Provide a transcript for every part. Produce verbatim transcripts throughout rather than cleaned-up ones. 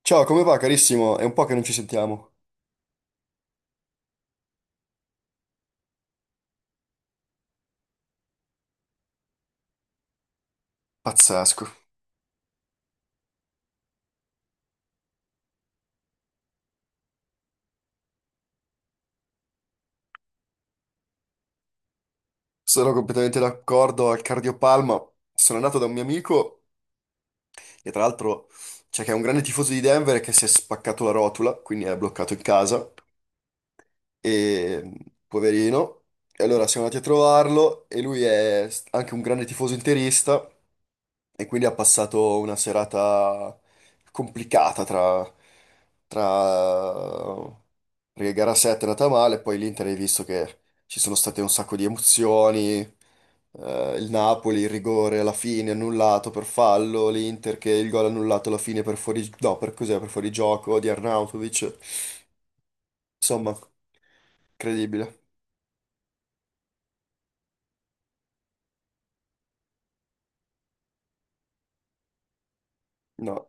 Ciao, come va carissimo? È un po' che non ci sentiamo. Pazzesco. Sono completamente d'accordo al cardiopalma. Sono andato da un mio amico, che tra l'altro, cioè, che è un grande tifoso di Denver e che si è spaccato la rotula, quindi è bloccato in casa. E poverino. E allora siamo andati a trovarlo e lui è anche un grande tifoso interista. E quindi ha passato una serata complicata tra, tra... Perché gara sette è andata male, poi l'Inter hai visto che ci sono state un sacco di emozioni, eh, il Napoli, il rigore alla fine annullato per fallo, l'Inter che il gol annullato alla fine per fuori... No, per cos'è? Per fuorigioco di Arnautovic. Insomma, incredibile. No,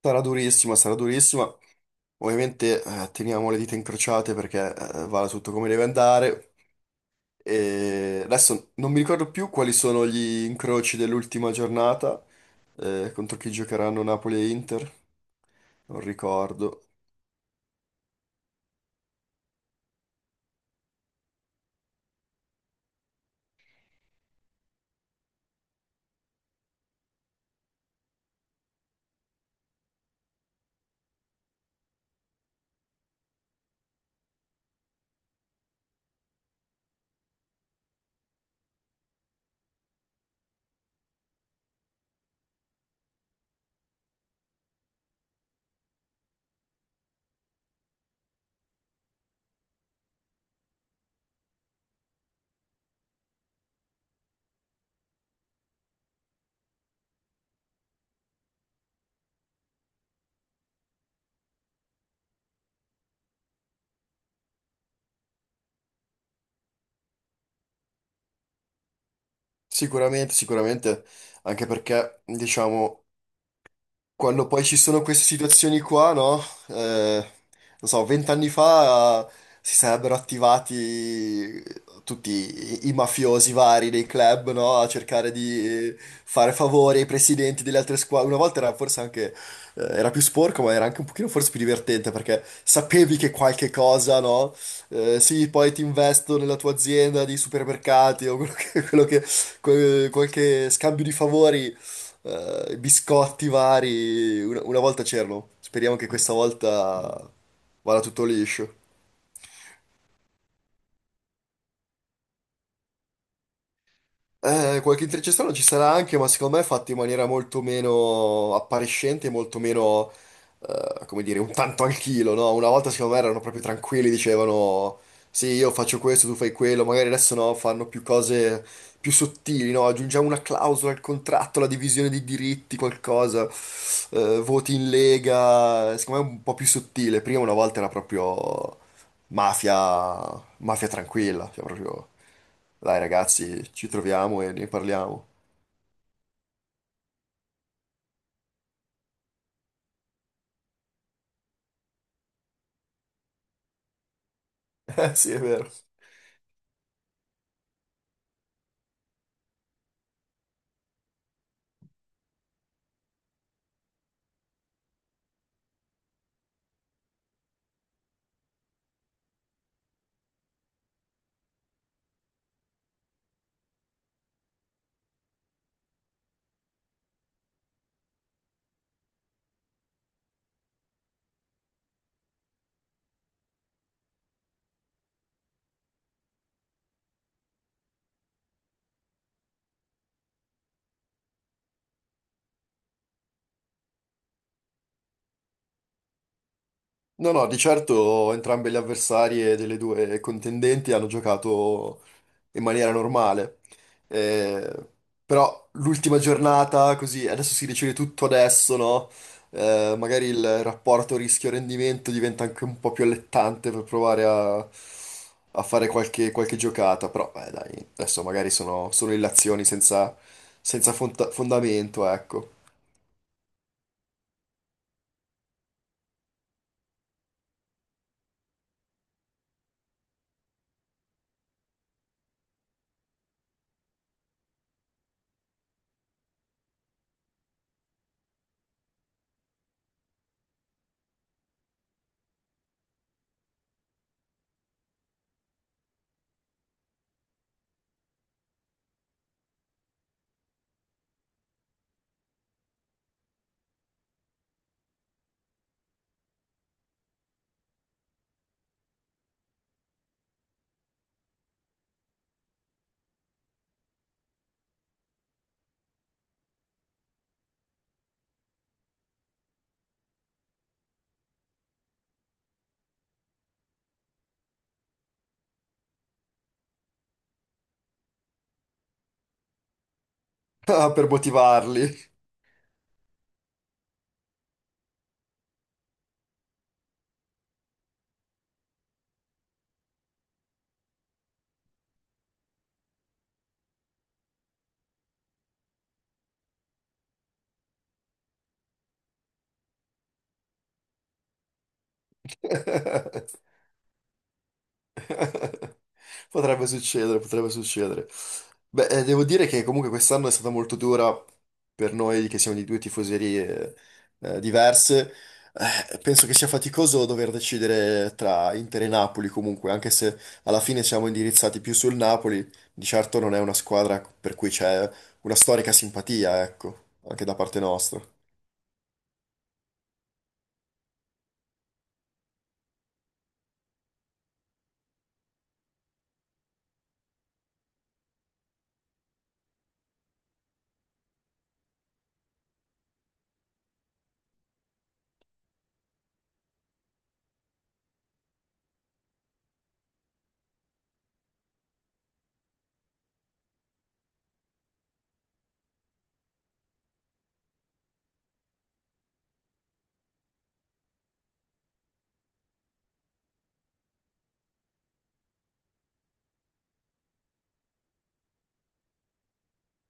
sarà durissima, sarà durissima. Ovviamente eh, teniamo le dita incrociate perché eh, vada tutto come deve andare. E adesso non mi ricordo più quali sono gli incroci dell'ultima giornata, eh, contro chi giocheranno Napoli e Inter, non ricordo. Sicuramente, sicuramente, anche perché, diciamo, quando poi ci sono queste situazioni qua, no? Eh, Non so, vent'anni fa eh, si sarebbero attivati tutti i, i mafiosi vari dei club, no? A cercare di fare favori ai presidenti delle altre squadre. Una volta era forse anche, eh, era più sporco, ma era anche un pochino forse più divertente perché sapevi che qualche cosa, no? Eh, sì, poi ti investo nella tua azienda di supermercati o quello che, quello che- que- qualche scambio di favori, eh, biscotti vari. Una, una volta c'erano. Speriamo che questa volta vada tutto liscio. Eh, qualche intrecciazione ci sarà anche, ma secondo me è fatto in maniera molto meno appariscente, molto meno, eh, come dire, un tanto al chilo, no? Una volta secondo me erano proprio tranquilli, dicevano sì, io faccio questo, tu fai quello, magari adesso no, fanno più cose più sottili, no? Aggiungiamo una clausola al contratto, la divisione di diritti, qualcosa, eh, voti in lega, secondo me è un po' più sottile. Prima una volta era proprio mafia, mafia tranquilla, cioè proprio... Dai ragazzi, ci troviamo e ne parliamo. Eh, sì, è vero. No, no, di certo entrambe le avversarie delle due contendenti hanno giocato in maniera normale. Eh, Però l'ultima giornata, così, adesso si decide tutto adesso, no? Eh, magari il rapporto rischio-rendimento diventa anche un po' più allettante per provare a, a fare qualche, qualche giocata. Però, beh, dai, adesso magari sono, sono illazioni senza, senza fonta- fondamento, ecco. Ah, per motivarli. Potrebbe succedere, potrebbe succedere. Beh, eh, devo dire che comunque quest'anno è stata molto dura per noi che siamo di due tifoserie eh, eh, diverse. Eh, penso che sia faticoso dover decidere tra Inter e Napoli comunque, anche se alla fine siamo indirizzati più sul Napoli, di certo non è una squadra per cui c'è una storica simpatia, ecco, anche da parte nostra.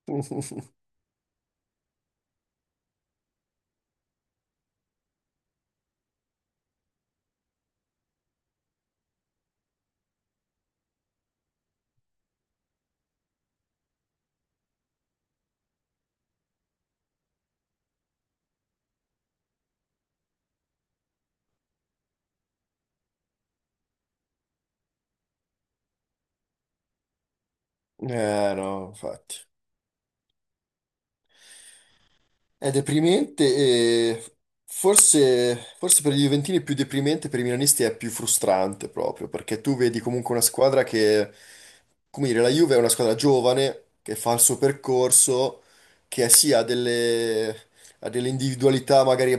Eh no, infatti. È deprimente e forse, forse per i Juventini è più deprimente, per i Milanisti è più frustrante proprio, perché tu vedi comunque una squadra che, come dire, la Juve è una squadra giovane, che fa il suo percorso, che sì, ha delle, ha delle individualità magari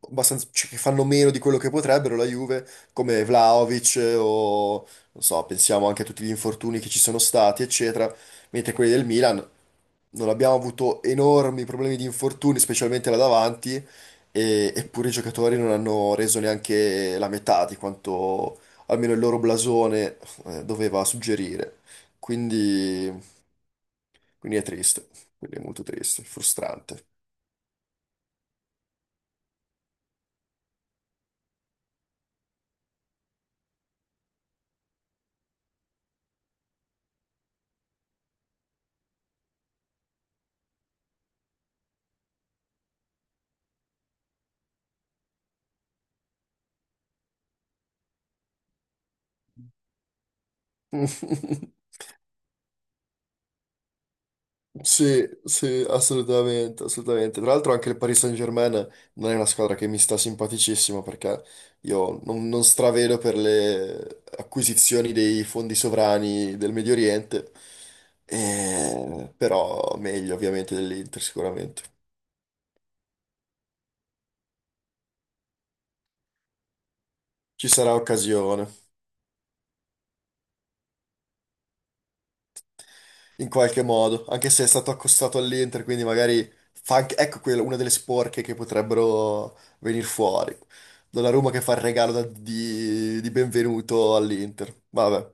abbastanza, cioè, che fanno meno di quello che potrebbero la Juve, come Vlahovic o, non so, pensiamo anche a tutti gli infortuni che ci sono stati, eccetera, mentre quelli del Milan non abbiamo avuto enormi problemi di infortuni, specialmente là davanti, e- eppure i giocatori non hanno reso neanche la metà di quanto almeno il loro blasone eh, doveva suggerire. Quindi, quindi è triste, quindi è molto triste, frustrante. Sì, sì, assolutamente, assolutamente. Tra l'altro anche il Paris Saint-Germain non è una squadra che mi sta simpaticissima perché io non, non stravedo per le acquisizioni dei fondi sovrani del Medio Oriente. Eh, però meglio ovviamente dell'Inter sicuramente. Ci sarà occasione. In qualche modo, anche se è stato accostato all'Inter, quindi magari fa anche, ecco quella, una delle sporche che potrebbero venire fuori. Donnarumma che fa il regalo da- di, di benvenuto all'Inter. Vabbè.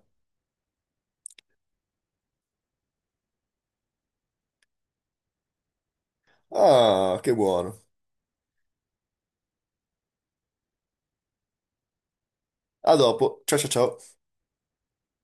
Ah, che buono. A dopo. Ciao ciao ciao.